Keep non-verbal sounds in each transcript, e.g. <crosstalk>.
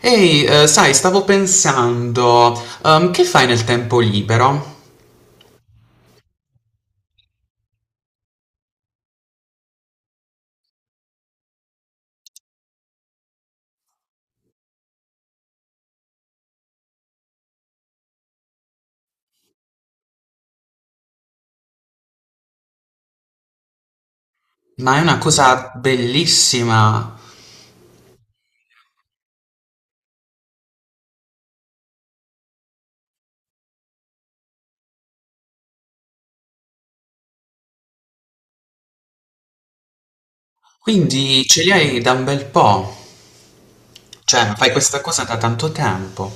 Ehi, sai, stavo pensando, che fai nel tempo libero? Ma è una cosa bellissima, quindi ce li hai da un bel po', cioè fai questa cosa da tanto tempo.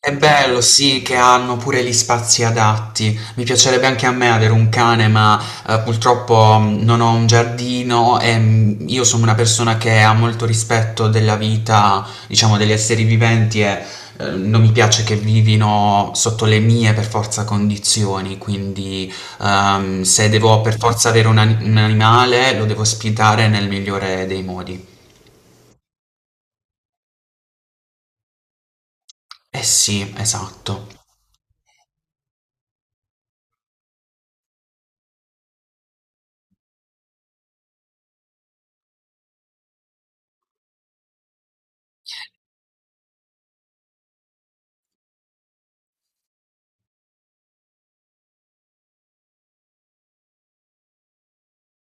È bello, sì, che hanno pure gli spazi adatti. Mi piacerebbe anche a me avere un cane, ma purtroppo non ho un giardino e io sono una persona che ha molto rispetto della vita, diciamo, degli esseri viventi e non mi piace che vivino sotto le mie per forza condizioni, quindi se devo per forza avere un animale lo devo ospitare nel migliore dei modi. Eh sì, esatto.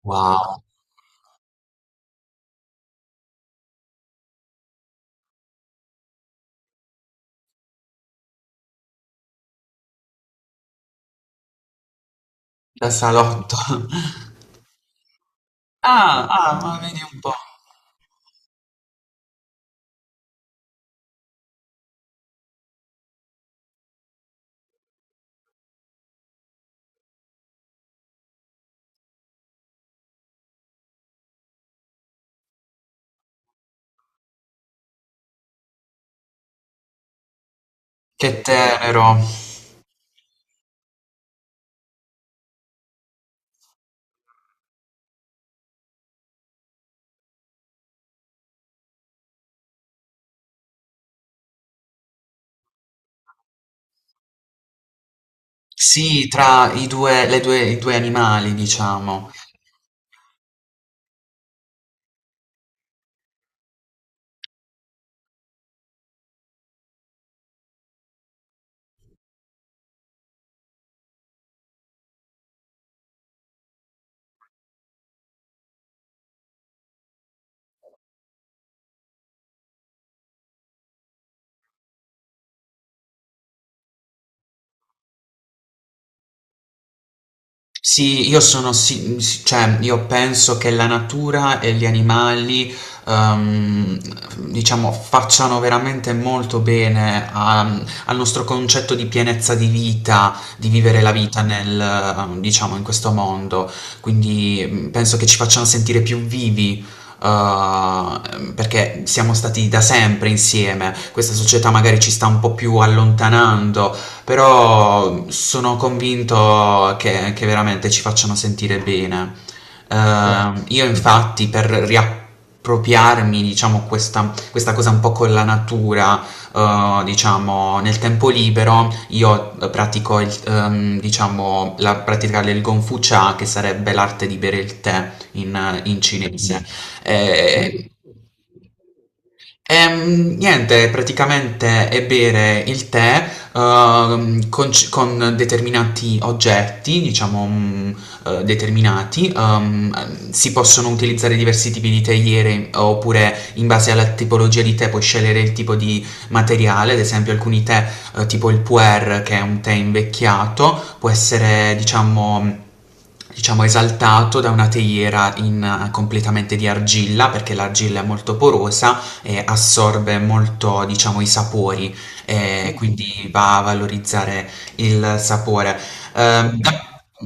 Wow, da salotto. <laughs> Ah, ah, ma vedi un po'. Che tenero. Sì, tra i due, le due, i due animali, diciamo. Sì, io cioè io penso che la natura e gli animali, ehm, diciamo, facciano veramente molto bene al nostro concetto di pienezza di vita, di vivere la vita nel, diciamo, in questo mondo. Quindi penso che ci facciano sentire più vivi. Perché siamo stati da sempre insieme, questa società magari ci sta un po' più allontanando, però sono convinto che veramente ci facciano sentire bene. Io infatti per riappropriarmi, diciamo, questa cosa un po' con la natura, diciamo, nel tempo libero, io pratico, il, diciamo, la pratica del Gonfu Cha, che sarebbe l'arte di bere il tè in cinese. Eh, niente, praticamente è bere il tè con, con determinati oggetti, diciamo determinati, si possono utilizzare diversi tipi di teiere oppure in base alla tipologia di tè puoi scegliere il tipo di materiale, ad esempio alcuni tè tipo il pu'er che è un tè invecchiato, può essere diciamo... Diciamo esaltato da una teiera in, completamente di argilla perché l'argilla è molto porosa assorbe molto, diciamo, i sapori, quindi va a valorizzare il sapore. Ok.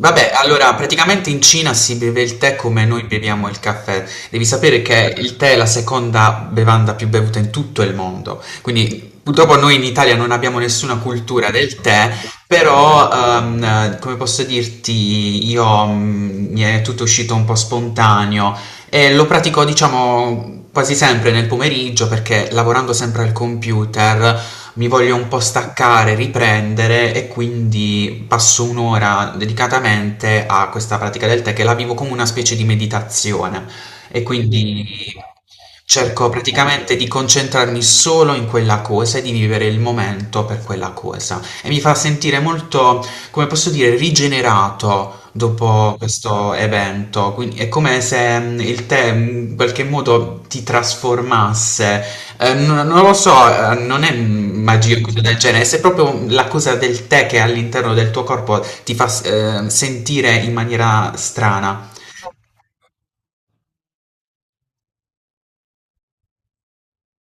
Vabbè, allora praticamente in Cina si beve il tè come noi beviamo il caffè. Devi sapere che il tè è la seconda bevanda più bevuta in tutto il mondo. Quindi purtroppo noi in Italia non abbiamo nessuna cultura del tè, però come posso dirti, io mi è tutto uscito un po' spontaneo e lo pratico diciamo quasi sempre nel pomeriggio perché lavorando sempre al computer mi voglio un po' staccare, riprendere e quindi passo un'ora dedicatamente a questa pratica del tè che la vivo come una specie di meditazione e quindi cerco praticamente di concentrarmi solo in quella cosa e di vivere il momento per quella cosa e mi fa sentire molto, come posso dire, rigenerato. Dopo questo evento, quindi è come se il tè in qualche modo ti trasformasse non, non lo so, non è magia o cosa del genere, se proprio la cosa del tè che all'interno del tuo corpo ti fa sentire in maniera strana.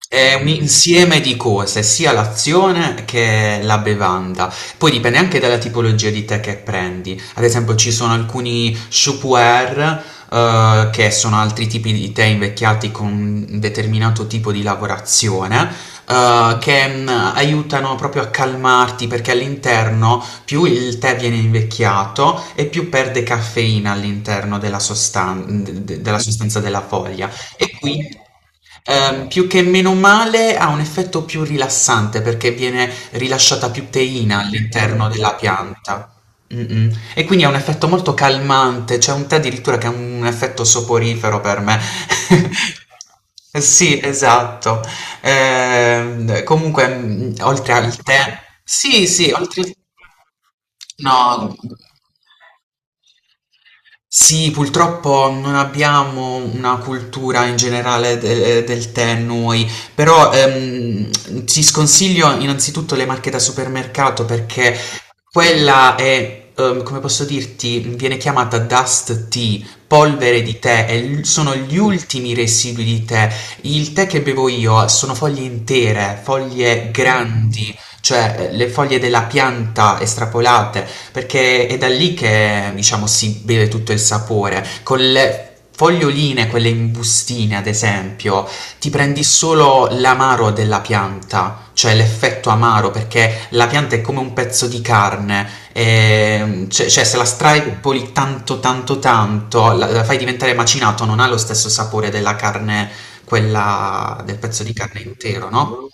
È un insieme di cose, sia l'azione che la bevanda. Poi dipende anche dalla tipologia di tè che prendi. Ad esempio, ci sono alcuni shupuer, che sono altri tipi di tè invecchiati con un determinato tipo di lavorazione, che aiutano proprio a calmarti perché all'interno più il tè viene invecchiato e più perde caffeina all'interno della della sostanza della foglia. E quindi. Più che meno male ha un effetto più rilassante perché viene rilasciata più teina all'interno della pianta. Mm-mm. E quindi ha un effetto molto calmante, c'è un tè addirittura che ha un effetto soporifero per me. <laughs> Eh sì, esatto. Comunque, oltre al tè, sì, sì, oltre al... No, sì, purtroppo non abbiamo una cultura in generale del tè noi, però ti sconsiglio innanzitutto le marche da supermercato perché quella è, come posso dirti, viene chiamata dust tea, polvere di tè, e sono gli ultimi residui di tè. Il tè che bevo io sono foglie intere, foglie grandi, cioè le foglie della pianta estrapolate, perché è da lì che, diciamo, si beve tutto il sapore. Con le foglioline, quelle in bustine, ad esempio, ti prendi solo l'amaro della pianta. C'è l'effetto amaro perché la pianta è come un pezzo di carne, cioè se la straipoli tanto tanto tanto, la fai diventare macinato, non ha lo stesso sapore della carne, quella del pezzo di carne intero, no?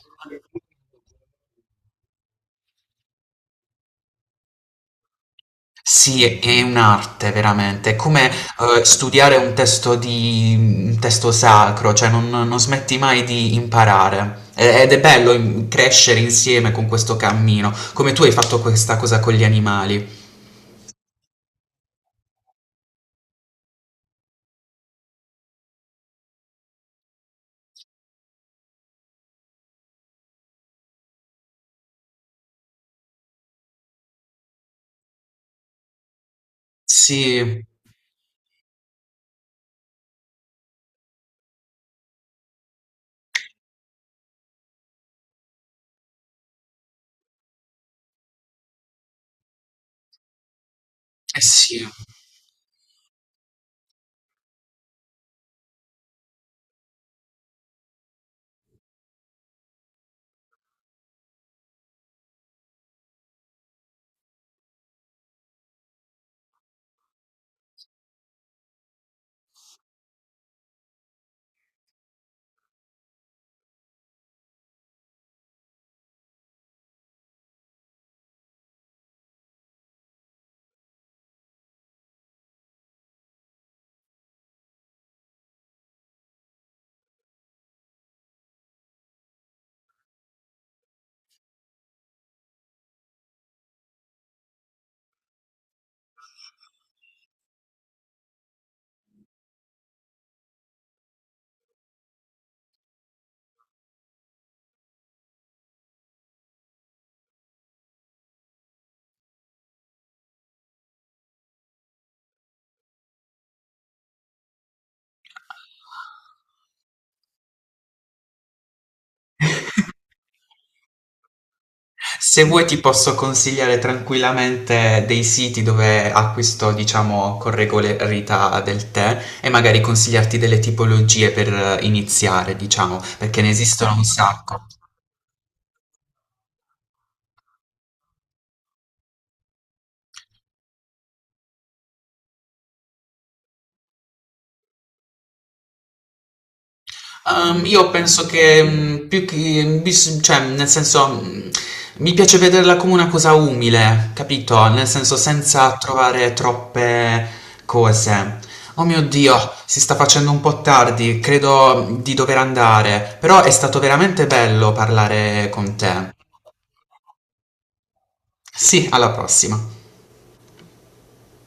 Sì, è un'arte veramente, è come studiare un testo, di, un testo sacro, cioè non, non smetti mai di imparare. Ed è bello crescere insieme con questo cammino, come tu hai fatto questa cosa con gli animali. Sì, eh sì. Se vuoi ti posso consigliare tranquillamente dei siti dove acquisto, diciamo, con regolarità del tè e magari consigliarti delle tipologie per iniziare, diciamo, perché ne esistono un sacco. Io penso che più che cioè, nel senso, mi piace vederla come una cosa umile, capito? Nel senso, senza trovare troppe cose. Oh mio Dio, si sta facendo un po' tardi, credo di dover andare, però è stato veramente bello parlare con te. Sì, alla prossima.